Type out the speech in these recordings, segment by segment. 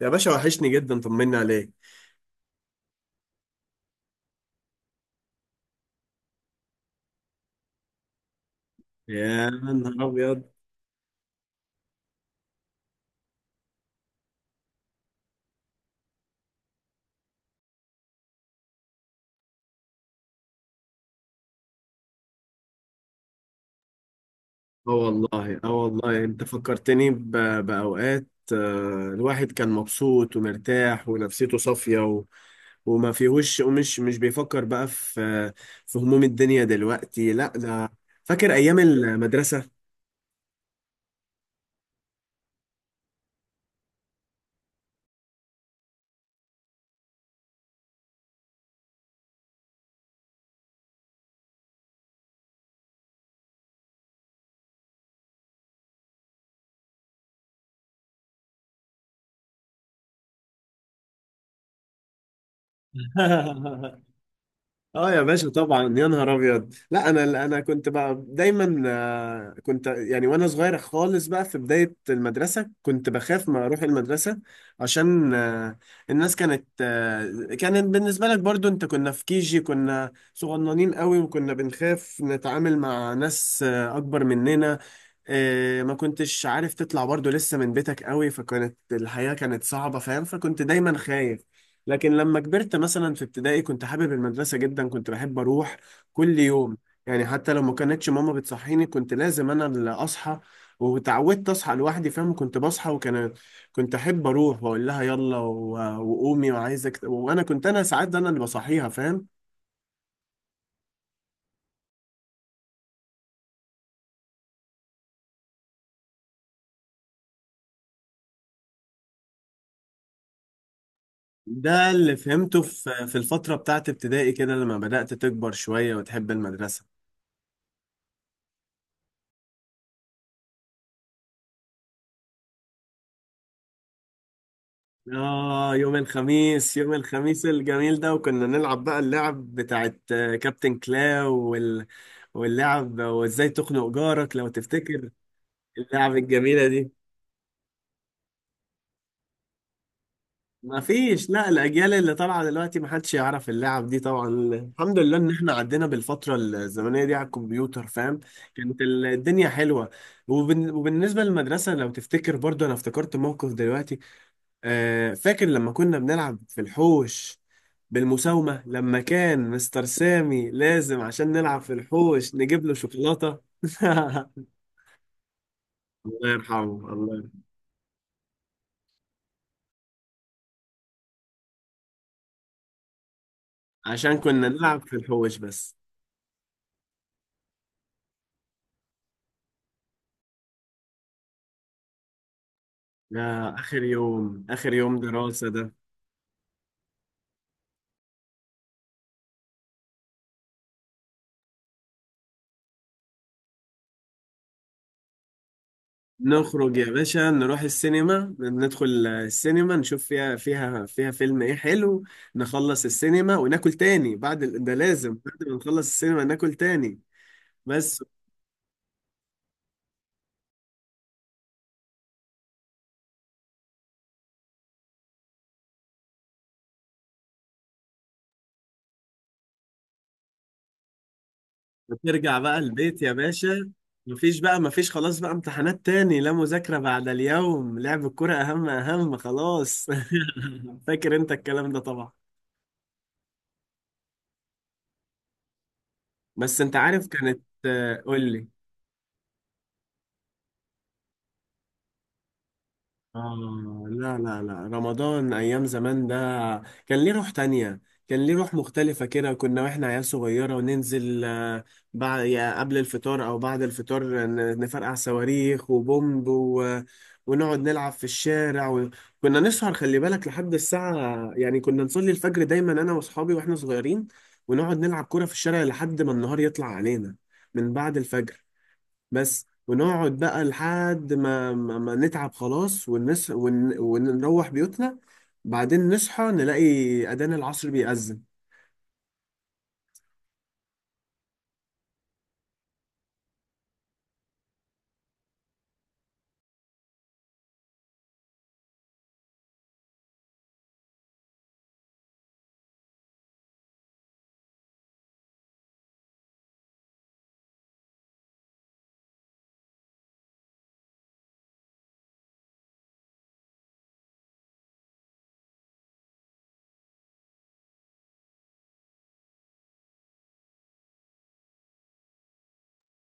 يا باشا وحشني جدا، طمني عليك. يا نهار ابيض. اه والله اه والله انت فكرتني باوقات. الواحد كان مبسوط ومرتاح ونفسيته صافية وما فيهوش ومش مش بيفكر بقى في في هموم الدنيا دلوقتي لا ده. فاكر ايام المدرسة؟ اه يا باشا طبعا، يا نهار ابيض. لا انا كنت بقى دايما، كنت يعني وانا صغير خالص بقى في بدايه المدرسه كنت بخاف ما اروح المدرسه عشان الناس كانت، كانت بالنسبه لك برضو انت، كنا في كيجي، كنا صغننين قوي وكنا بنخاف نتعامل مع ناس اكبر مننا. إيه، ما كنتش عارف تطلع برضو لسه من بيتك قوي، فكانت الحياة كانت صعبة، فاهم؟ فكنت دايما خايف. لكن لما كبرت مثلا في ابتدائي كنت حابب المدرسة جدا، كنت بحب أروح كل يوم، يعني حتى لو ما كانتش ماما بتصحيني كنت لازم أنا اللي أصحى، وتعودت أصحى لوحدي، فاهم؟ كنت بصحى وكان كنت أحب أروح وأقول لها يلا وقومي وعايزك، وأنا كنت، أنا ساعات أنا اللي بصحيها، فاهم؟ ده اللي فهمته في في الفترة بتاعت ابتدائي كده لما بدأت تكبر شوية وتحب المدرسة. آه يوم الخميس، يوم الخميس الجميل ده، وكنا نلعب بقى اللعب بتاعت، كابتن كلاو واللعب وازاي تخنق جارك لو تفتكر. اللعب الجميلة دي ما فيش. لا الأجيال اللي طالعة دلوقتي ما حدش يعرف اللعب دي طبعا، الحمد لله إن احنا عدينا بالفترة الزمنية دي على الكمبيوتر، فاهم؟ كانت الدنيا حلوة. وبالنسبة للمدرسة لو تفتكر برضو، أنا افتكرت موقف دلوقتي. فاكر لما كنا بنلعب في الحوش بالمساومة، لما كان مستر سامي لازم عشان نلعب في الحوش نجيب له شوكولاتة. الله يرحمه. الله يرحمه. عشان كنا نلعب في الحوش بس. يا آخر يوم، آخر يوم دراسة ده. نخرج يا باشا، نروح السينما، ندخل السينما نشوف فيها فيها فيها فيلم ايه حلو، نخلص السينما وناكل تاني، بعد ده لازم بعد ما نخلص السينما ناكل تاني بس. بترجع بقى البيت يا باشا، مفيش بقى، مفيش خلاص بقى امتحانات تاني، لا مذاكرة بعد اليوم، لعب الكرة أهم، أهم خلاص. فاكر أنت الكلام ده طبعا. بس أنت عارف كانت. قول لي. آه لا لا لا، رمضان أيام زمان ده كان ليه روح تانية، كان ليه روح مختلفة كده. كنا وإحنا عيال صغيرة وننزل، بعد يا قبل الفطار أو بعد الفطار نفرقع صواريخ وبومب ونقعد نلعب في الشارع، وكنا نسهر خلي بالك لحد الساعة، يعني كنا نصلي الفجر دايما أنا وأصحابي وإحنا صغيرين، ونقعد نلعب كورة في الشارع لحد ما النهار يطلع علينا من بعد الفجر بس. ونقعد بقى لحد ما ما نتعب خلاص ونروح بيوتنا، بعدين نصحى نلاقي أذان العصر بيأذن.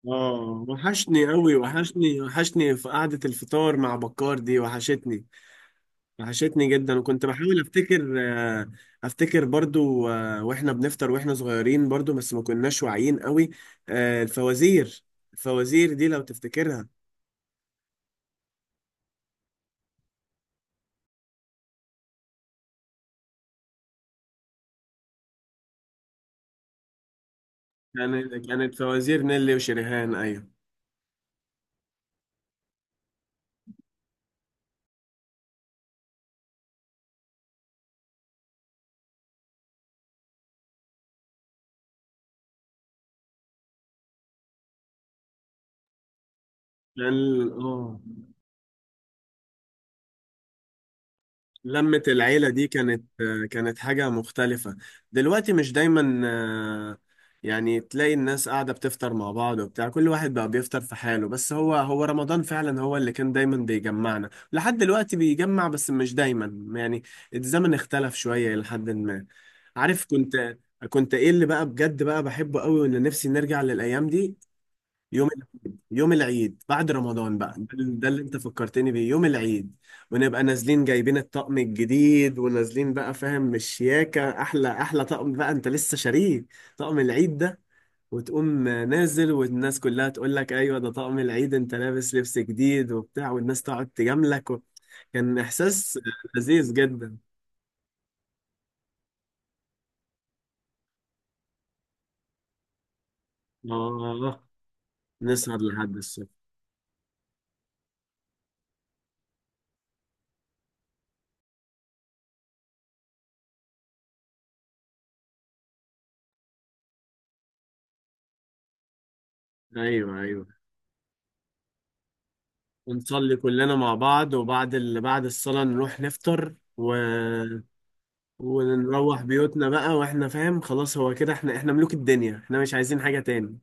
اه وحشني قوي، وحشني، وحشني في قعدة الفطار مع بكار دي، وحشتني، وحشتني جدا. وكنت بحاول افتكر، افتكر برضو، واحنا بنفطر واحنا صغيرين برضو، بس ما كناش واعيين قوي. الفوازير، الفوازير دي لو تفتكرها، كانت كانت فوازير نيلي وشريهان. ايوه كان. اه لمة العيلة دي كانت، كانت حاجة مختلفة. دلوقتي مش دايما، يعني تلاقي الناس قاعدة بتفطر مع بعض وبتاع، كل واحد بقى بيفطر في حاله، بس هو هو رمضان فعلا هو اللي كان دايما بيجمعنا، لحد دلوقتي بيجمع بس مش دايما يعني. الزمن اختلف شوية لحد ما، عارف؟ كنت كنت ايه اللي بقى بجد بقى بحبه قوي، وان نفسي نرجع للأيام دي. يوم، يوم العيد بعد رمضان بقى، ده ده اللي انت فكرتني بيه، يوم العيد، ونبقى نازلين جايبين الطقم الجديد، ونازلين بقى، فاهم؟ مشياكة، احلى احلى طقم بقى انت لسه شاريه، طقم العيد ده، وتقوم نازل والناس كلها تقول لك ايوه ده طقم العيد، انت لابس لبس جديد وبتاع، والناس تقعد تجاملك كان احساس لذيذ جدا. اه نسهر لحد الصبح. ايوه ايوه. ونصلي كلنا مع بعض، وبعد بعد الصلاة نروح نفطر ونروح بيوتنا بقى واحنا فاهم خلاص، هو كده احنا، احنا ملوك الدنيا، احنا مش عايزين حاجة تاني.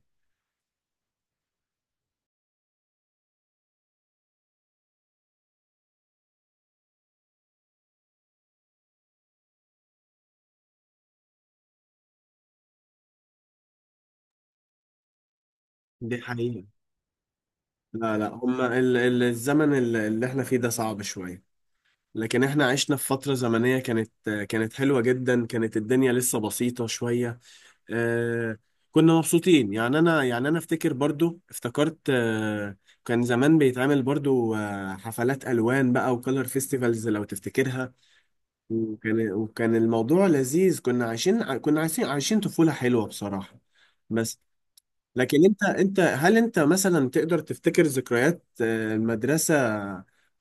دي حقيقة. لا لا، هما ال الزمن اللي احنا فيه ده صعب شوية، لكن احنا عشنا في فترة زمنية كانت، كانت حلوة جدا، كانت الدنيا لسه بسيطة شوية. آه كنا مبسوطين، يعني انا، يعني انا افتكر برضو، افتكرت آه كان زمان بيتعمل برضو، آه حفلات الوان بقى وكلر فيستيفالز لو تفتكرها، وكان الموضوع لذيذ، كنا عايشين كنا عايشين، عايشين طفولة حلوة بصراحة. بس. لكن انت، انت هل انت مثلا تقدر تفتكر ذكريات، المدرسة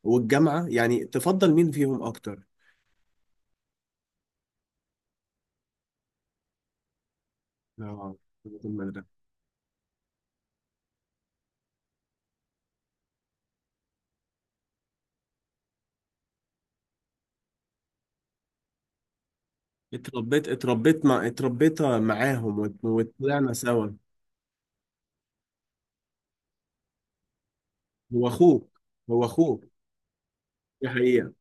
والجامعة، يعني تفضل مين فيهم اكتر؟ اه المدرسة، اتربيت معاهم وطلعنا سوا. هو اخوك. هو اخوك. دي حقيقة.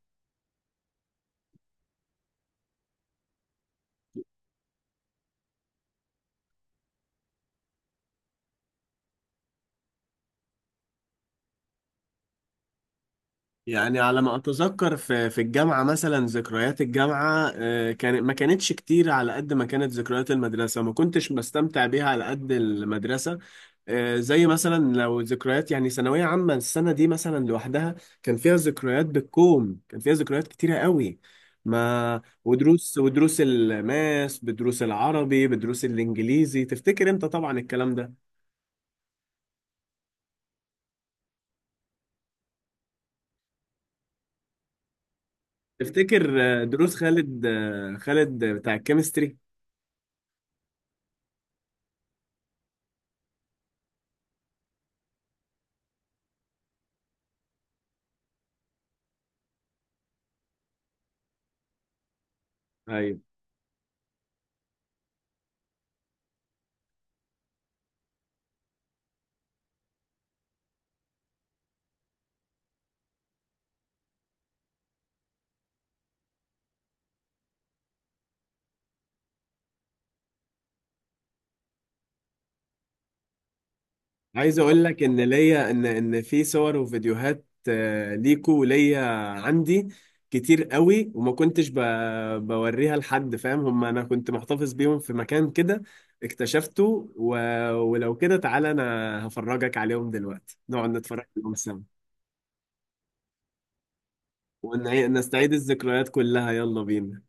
يعني على ما اتذكر في في الجامعه مثلا، ذكريات الجامعه كانت ما كانتش كتير على قد ما كانت ذكريات المدرسه، ما كنتش بستمتع بيها على قد المدرسه. زي مثلا لو ذكريات يعني ثانويه عامه، السنه دي مثلا لوحدها كان فيها ذكريات بالكوم، كان فيها ذكريات كتيره قوي، ما ودروس، ودروس الماس بدروس العربي بدروس الانجليزي، تفتكر انت طبعا الكلام ده. تفتكر دروس خالد، خالد بتاع الكيمستري؟ أيوه. عايز اقول لك ان ليا، ان في صور وفيديوهات، ليكو وليا عندي كتير قوي، وما كنتش بوريها لحد، فاهم هم؟ انا كنت محتفظ بيهم في مكان كده اكتشفته ولو كده تعالى انا هفرجك عليهم دلوقتي، نقعد نتفرج عليهم سوا ونستعيد الذكريات كلها، يلا بينا.